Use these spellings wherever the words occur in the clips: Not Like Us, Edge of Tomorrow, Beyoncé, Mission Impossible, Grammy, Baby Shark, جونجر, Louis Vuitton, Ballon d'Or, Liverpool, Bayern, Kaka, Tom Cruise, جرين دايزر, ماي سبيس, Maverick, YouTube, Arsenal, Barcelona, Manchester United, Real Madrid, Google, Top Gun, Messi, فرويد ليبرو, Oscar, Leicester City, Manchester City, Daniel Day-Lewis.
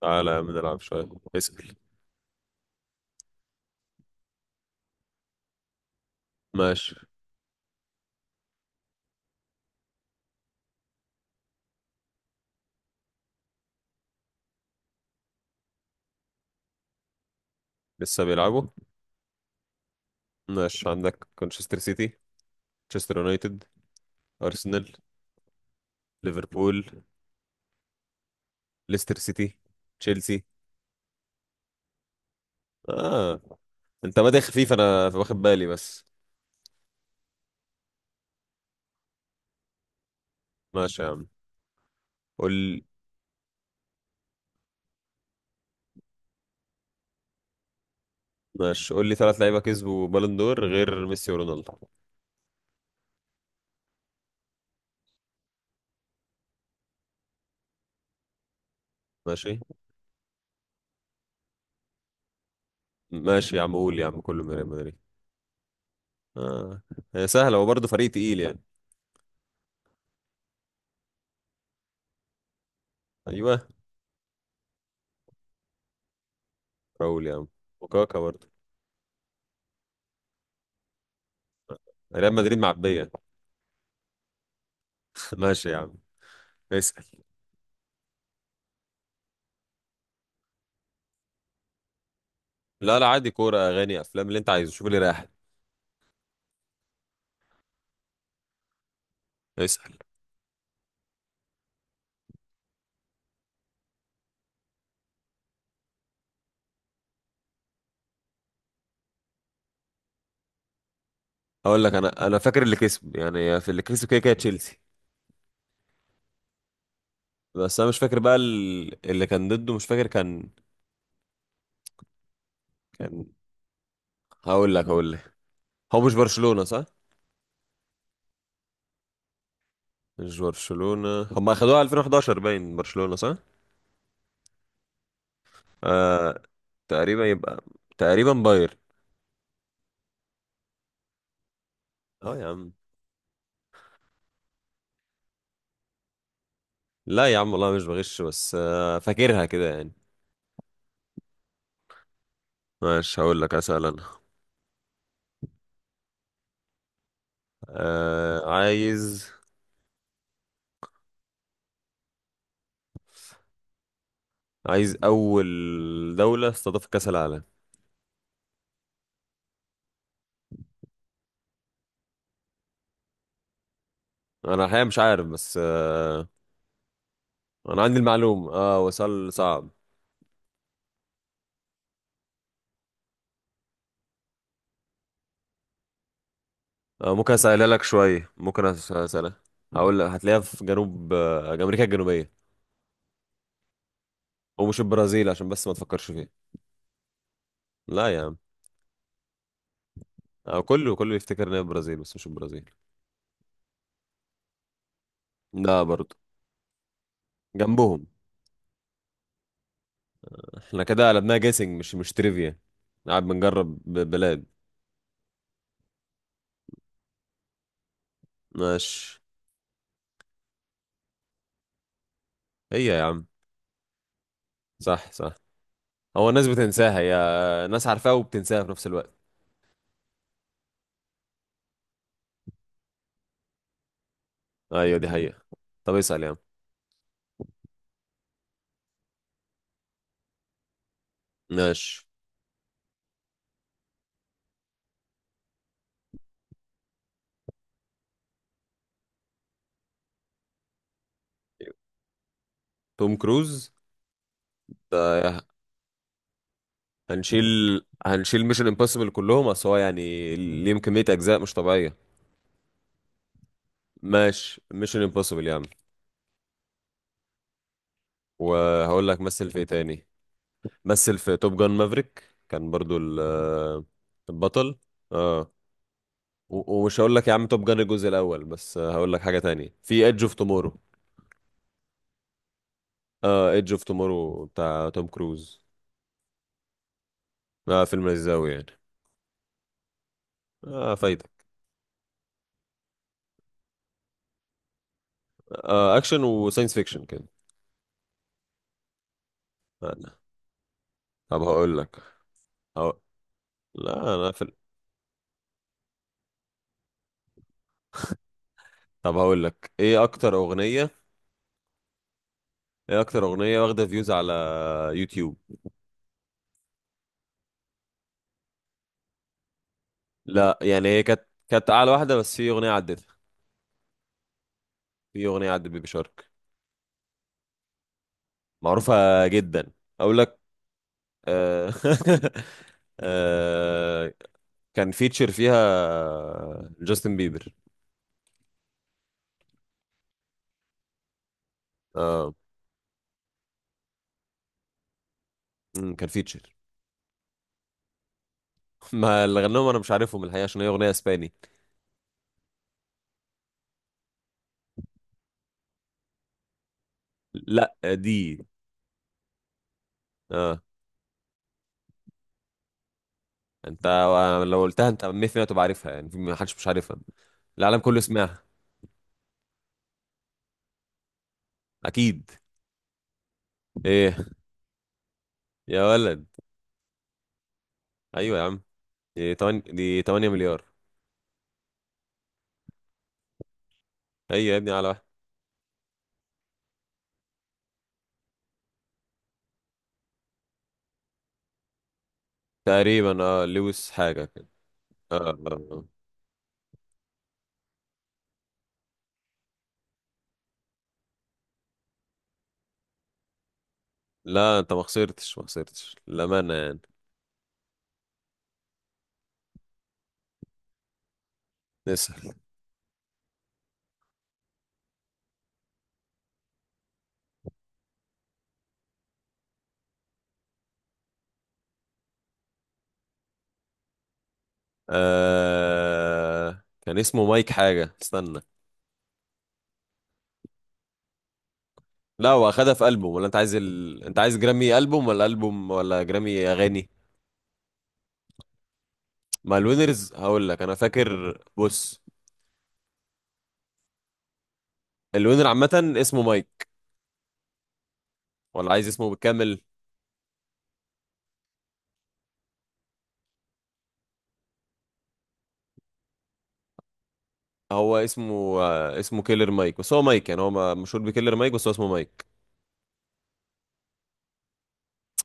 تعالى يا عم نلعب شوية. اسأل. ماشي. لسه بيلعبوا. ماشي، عندك مانشستر سيتي، مانشستر يونايتد، أرسنال، ليفربول، ليستر سيتي، تشيلسي. آه، أنت بادئ خفيف أنا واخد بالي بس. ماشي يا عم، قول. ماشي، قول لي ثلاث لعيبة كسبوا بالون دور غير ميسي ورونالدو. ماشي. ماشي يا عم، قول يا عم، كله من ريال مدريد. آه، هي سهلة وبرضه فريق تقيل يعني. أيوه، قول يا عم وكاكا برضه، ريال مدريد معبية. ماشي يا عم. اسأل. لا لا، عادي، كورة أغاني أفلام اللي أنت عايزه، شوف اللي رايح. اسأل. أقول لك، أنا فاكر اللي كسب، يعني في اللي كسب كده كده تشيلسي. بس أنا مش فاكر بقى اللي كان ضده، مش فاكر كان. كان. هقول لك. هو مش برشلونة صح؟ مش برشلونة، هم أخدوها 2011، باين برشلونة صح؟ آه. تقريبا يبقى تقريبا باير. أه يا عم. لا يا عم والله مش بغش، بس فاكرها كده يعني. ماشي، هقول لك، أسأل أنا. آه، عايز أول دولة استضافت كأس العالم. انا الحقيقه مش عارف بس انا عندي المعلومه، وصل صعب. آه، ممكن اسالها لك شويه، ممكن اسالها. هقول لك هتلاقيها في جنوب امريكا الجنوبيه. ومش البرازيل عشان بس ما تفكرش فيها. لا يا عم. آه، كله كله يفتكر ان هي البرازيل بس مش البرازيل. لا برضه. جنبهم. احنا كده قلبناها جيسنج، مش تريفيا. قاعد بنجرب بلاد. ماشي. هي يا عم. صح صح. هو الناس بتنساها، يا ناس عارفاها وبتنساها في نفس الوقت. ايوه، دي حقيقه. طب اسال يا عم. ماشي. توم كروز. ده هنشيل هنشيل ميشن امبوسيبل كلهم، اصل هو يعني ليهم كمية اجزاء مش طبيعية. ماشي، ميشن امبوسيبل يا عم. وهقول لك مثل في ايه تاني. مثل في توب جان مافريك كان برضو البطل. اه. ومش هقول لك يا عم توب جان الجزء الاول بس، هقول لك حاجة تانية في ايدج اوف تومورو. اه، ايدج اوف تومورو بتاع توم كروز. اه، فيلم لذيذ أوي يعني. اه، فايدة. آه، اكشن وساينس فيكشن كده. آه. طب هقول لك، هقول- لا انا في طب هقول لك، ايه اكتر اغنيه، ايه اكتر اغنيه واخده فيوز على يوتيوب. لا يعني هي كانت، اعلى واحده بس في اغنيه عدتها. في اغنيه عدت بيبي شارك. معروفه جدا. اقول لك. آه. آه. كان فيتشر فيها جاستن بيبر. اه. كان فيتشر. ما اللي غنوهم انا مش عارفهم الحقيقه، عشان هي اغنيه اسباني. لا دي. اه انت، لو قلتها انت 100% هتبقى عارفها يعني، محدش مش عارفها. العالم كله سمعها. اكيد. ايه. يا ولد. ايوه يا عم، دي 8، دي 8 مليار. هي يا ابني على واحد. تقريبا لويس حاجه كده. اه. آه. آه. لا انت ما خسرتش، ما خسرتش للامانه يعني. نسأل. كان اسمه مايك حاجه، استنى. لا، هو اخدها في البوم ولا انت عايز انت عايز جرامي البوم ولا البوم، ولا جرامي اغاني. ما الوينرز هقول لك انا فاكر، بص. الوينر عامه اسمه مايك. ولا عايز اسمه بالكامل؟ هو اسمه اسمه كيلر مايك، بس هو مايك يعني، هو مشهور بكيلر مايك بس هو اسمه مايك.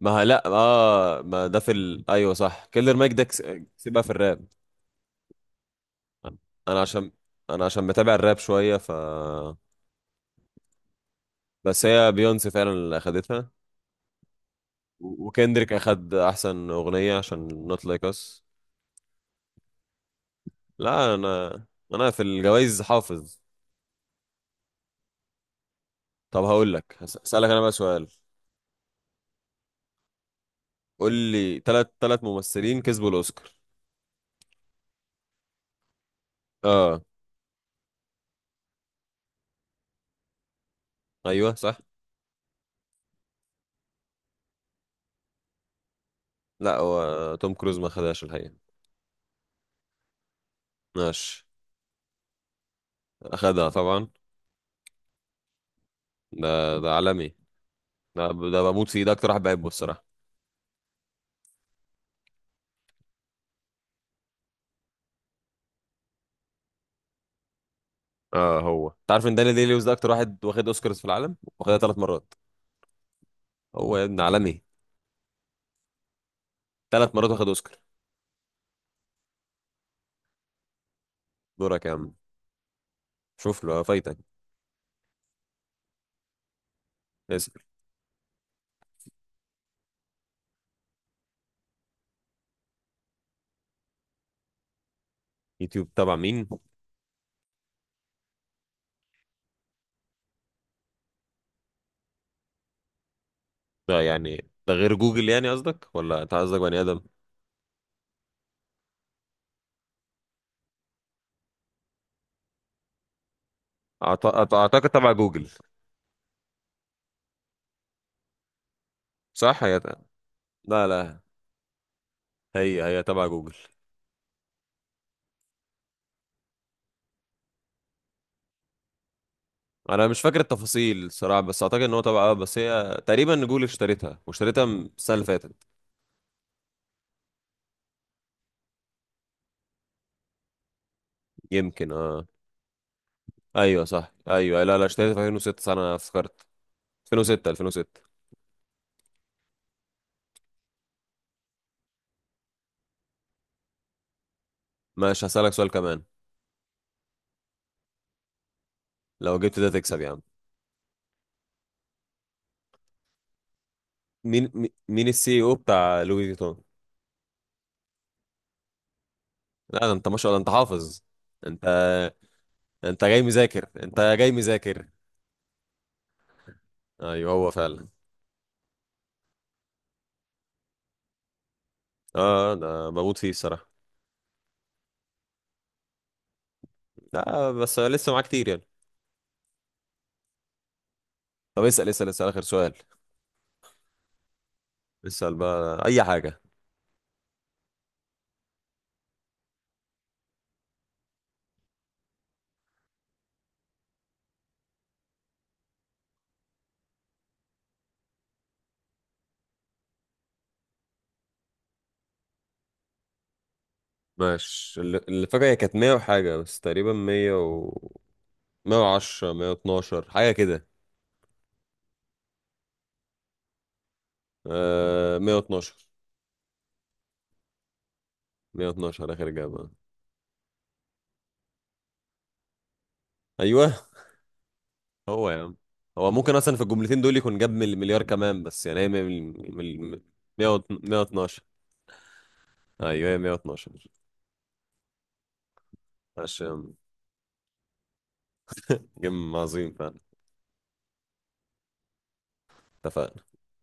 ما ه- لا اه، ما ده في ايوه صح، كيلر مايك ده سيبها في الراب. انا عشان انا عشان متابع الراب شويه ف. بس هي بيونسي فعلا اللي اخدتها. وكندريك اخد احسن اغنيه عشان نوت لايك اس. لا انا، في الجوائز حافظ. طب هقول لك، هسألك انا بقى سؤال. قول لي ثلاث ممثلين كسبوا الاوسكار. اه ايوه صح. لا هو توم كروز ما خدهاش الحقيقه. ماشي. اخدها طبعا. ده عالمي. ده ده بموت فيه، ده اكتر واحد بحبه الصراحه. اه، هو انت عارف ان داني دي لويس ده اكتر واحد واخد اوسكارز في العالم، واخدها ثلاث مرات. هو يا ابن عالمي. ثلاث مرات واخد اوسكار. دورك يا عم. شوف له فايتك. اسأل. يوتيوب تبع مين؟ ده يعني ده غير جوجل يعني قصدك، ولا انت قصدك بني ادم؟ اعتقد تبع جوجل. صح يا ده. لا لا، هي تبع جوجل. انا مش فاكر التفاصيل الصراحه، بس اعتقد ان هو تبع، بس هي تقريبا جوجل اشتريتها، واشتريتها من السنه اللي فاتت. يمكن اه. ايوه صح، ايوه، لا لا، اشتريت في 2006 صح، انا افتكرت. 2006. 2006. ماشي، هسألك سؤال كمان. لو جبت ده تكسب يا عم. مين مين السي او بتاع لوي فيتون؟ لا ده انت ما شاء الله انت حافظ. انت. انت جاي مذاكر، انت جاي مذاكر. ايوه هو فعلا. اه، انا بموت فيه الصراحه. لا بس لسه معاه كتير يعني. طب اسأل اسأل اسأل اخر سؤال. اسأل بقى اي حاجه. ماشي، اللي فاكر هي كانت 100 وحاجه بس، تقريبا 100 و 110 112 حاجه كده. آه 112. 112 اخر اجابه. ايوه. هو يا عم. هو ممكن اصلا في الجملتين دول يكون جاب مليار كمان، بس يعني هي 112. ايوه، هي 112. ماشي يا عم. جيم عظيم فعلا. اتفقنا.